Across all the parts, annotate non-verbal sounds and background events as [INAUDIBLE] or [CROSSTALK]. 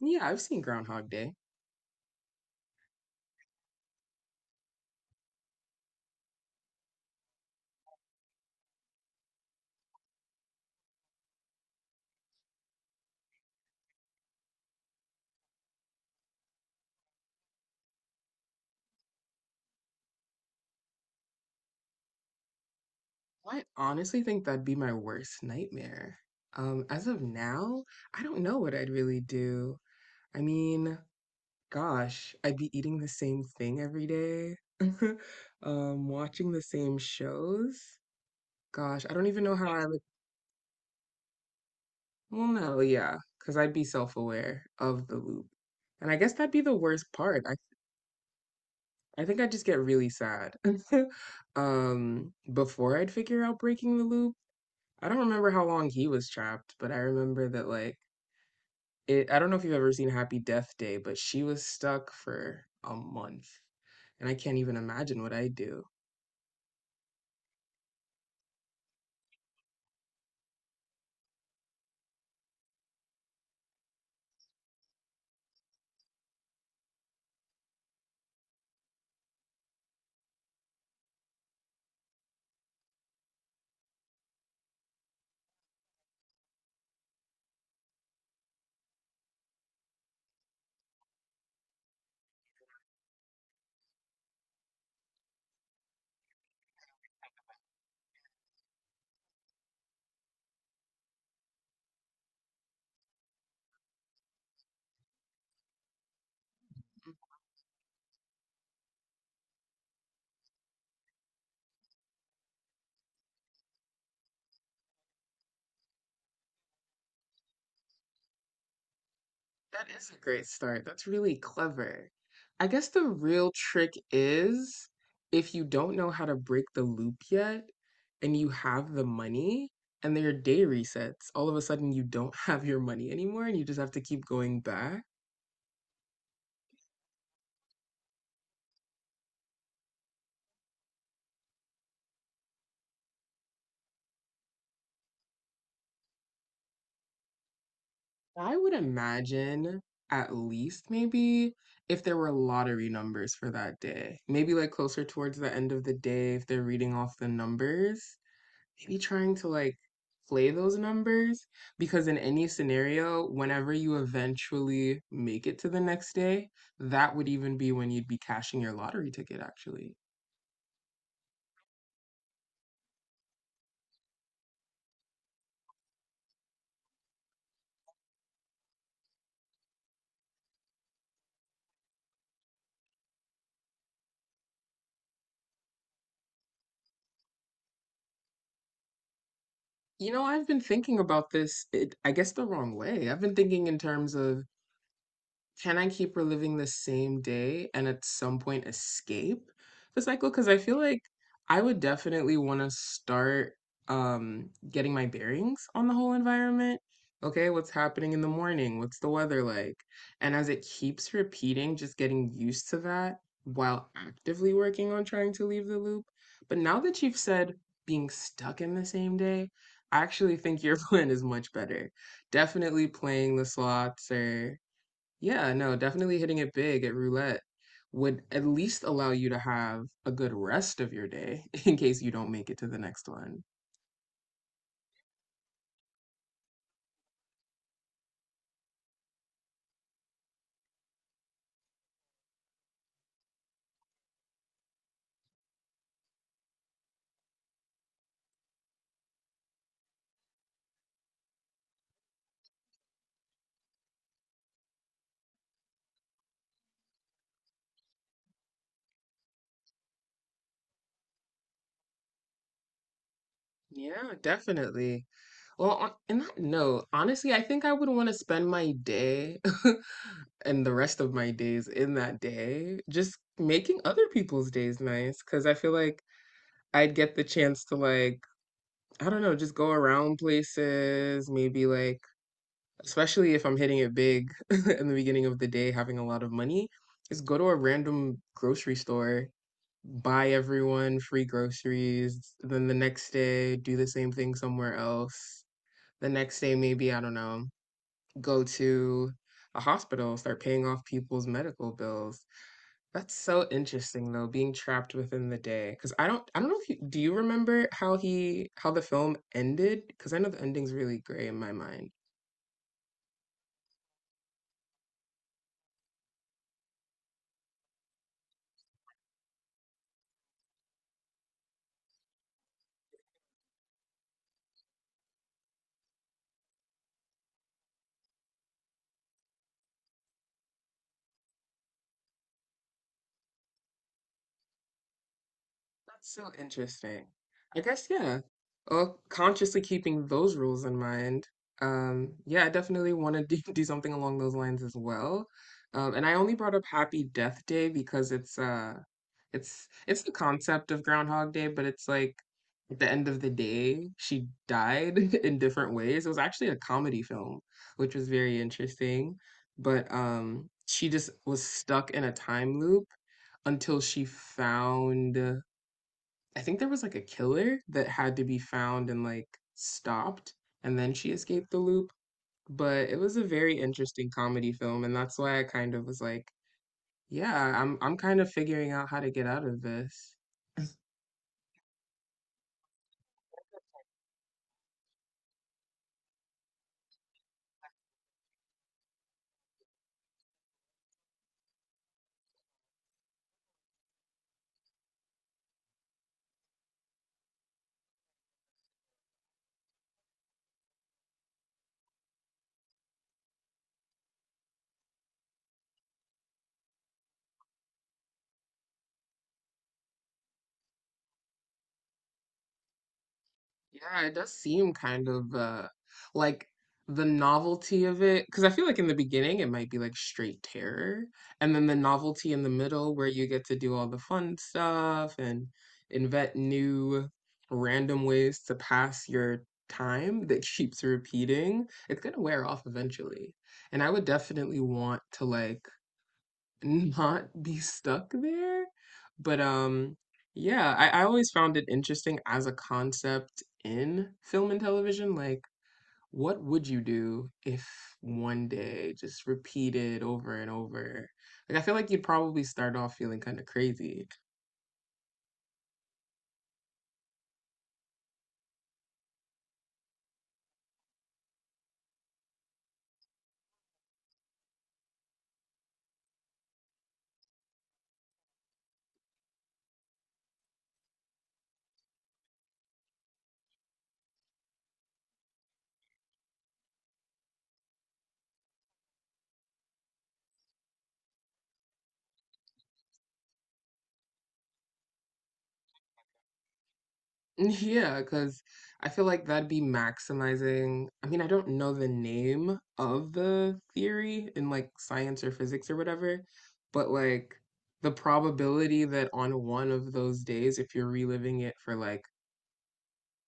Yeah, I've seen Groundhog Day. I honestly think that'd be my worst nightmare. As of now, I don't know what I'd really do. I mean, gosh, I'd be eating the same thing every day, [LAUGHS] watching the same shows. Gosh, I don't even know how I would. Well, no, yeah, because I'd be self-aware of the loop. And I guess that'd be the worst part. I think I'd just get really sad [LAUGHS] before I'd figure out breaking the loop. I don't remember how long he was trapped, but I remember that like it I don't know if you've ever seen Happy Death Day, but she was stuck for a month. And I can't even imagine what I do. That is a great start. That's really clever. I guess the real trick is if you don't know how to break the loop yet and you have the money and their day resets, all of a sudden you don't [LAUGHS] have your money anymore, and you just have to keep going back. I would imagine at least maybe if there were lottery numbers for that day, maybe like closer towards the end of the day, if they're reading off the numbers, maybe trying to like play those numbers, because in any scenario, whenever you eventually make it to the next day, that would even be when you'd be cashing your lottery ticket, actually. You know, I've been thinking about this, it, I guess, the wrong way. I've been thinking in terms of, can I keep reliving the same day and at some point escape the cycle? Because I feel like I would definitely want to start getting my bearings on the whole environment. Okay, what's happening in the morning? What's the weather like? And as it keeps repeating, just getting used to that while actively working on trying to leave the loop. But now that you've said being stuck in the same day, I actually think your [LAUGHS] plan is much better. Definitely playing the slots or yeah, no, definitely hitting it big at roulette would at least allow you to have a good rest of your day [LAUGHS] in case you don't make it to the next one. Yeah, definitely. Well, on, in that note, honestly, I think I would want to spend my day [LAUGHS] and the rest of my days in that day just making other people's days nice, because I feel like I'd get the chance to like, I don't know, just go around places, maybe like, especially if I'm hitting it big [LAUGHS] in the beginning of the day, having a lot of money, is go to a random grocery store, buy everyone free groceries, then the next day do the same thing somewhere else. The next day, maybe, I don't know, go to a hospital, start paying off people's medical bills. That's so interesting though, being trapped within the day. Because I don't know if you, do you remember how the film ended? Because I know the ending's really gray in my mind. That's so interesting. I guess, yeah. Well, consciously keeping those rules in mind, yeah, I definitely want to [LAUGHS] do something along those lines as well. And I only brought up Happy Death Day because it's the concept of Groundhog Day, but it's like at the end of the day, she died [LAUGHS] in different ways. It was actually a comedy film, which was very interesting. But she just was stuck in a time loop until she found, I think there was like a killer that had to be found and like stopped, and then she escaped the loop. But it was a very interesting comedy film, and that's why I kind of was like, yeah, I'm kind of figuring out how to get out of this. Yeah, it does seem kind of like the novelty of it, because I feel like in the beginning it might be like straight terror, and then the novelty in the middle where you get to do all the fun stuff and invent new random ways to pass your time that [LAUGHS] keeps repeating, it's gonna wear off eventually. And I would definitely want to like not be stuck there. But yeah, I always found it interesting as a concept in film and television. Like, what would you do if one day just repeated over and over? Like I feel like you'd probably start off feeling kind of crazy. Yeah, because I feel like that'd be maximizing. I mean, I don't know the name of the theory in like science or physics or whatever, but like the probability that on one of those days, if you're reliving it for like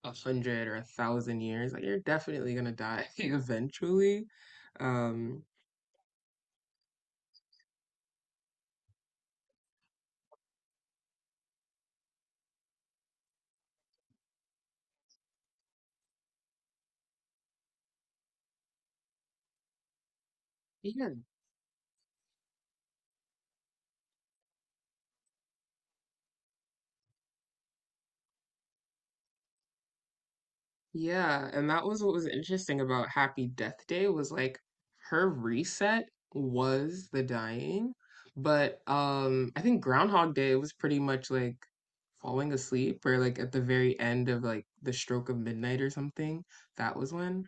100 or 1,000 years, like you're definitely gonna die [LAUGHS] eventually. Um, yeah. Yeah, and that was what was interesting about Happy Death Day was like her reset was the dying, but I think Groundhog Day was pretty much like falling asleep or like at the very end of like the stroke of midnight or something. That was when.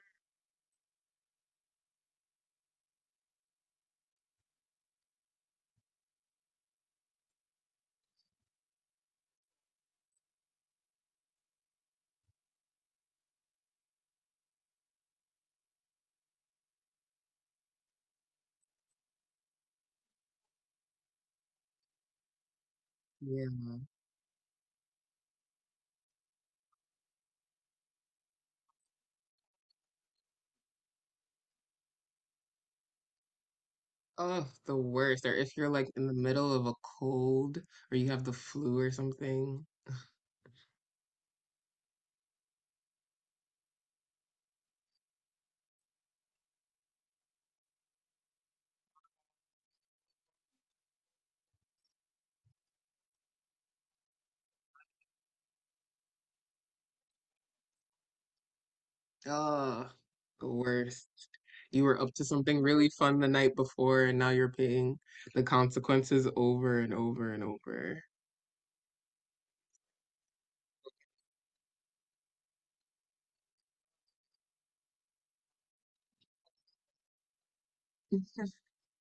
Yeah. Oh, the worst. Or if you're like in the middle of a cold or you have the flu or something. Oh, the worst. You were up to something really fun the night before, and now you're paying the consequences over and over and over.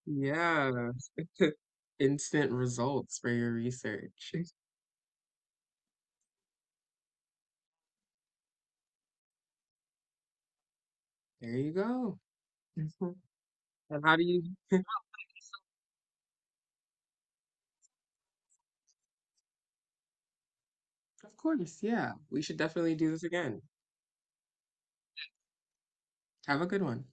Yeah. [LAUGHS] Instant results for your research. There you go. Mhm. And how do you? Of course, yeah. We should definitely do this again. Have a good one.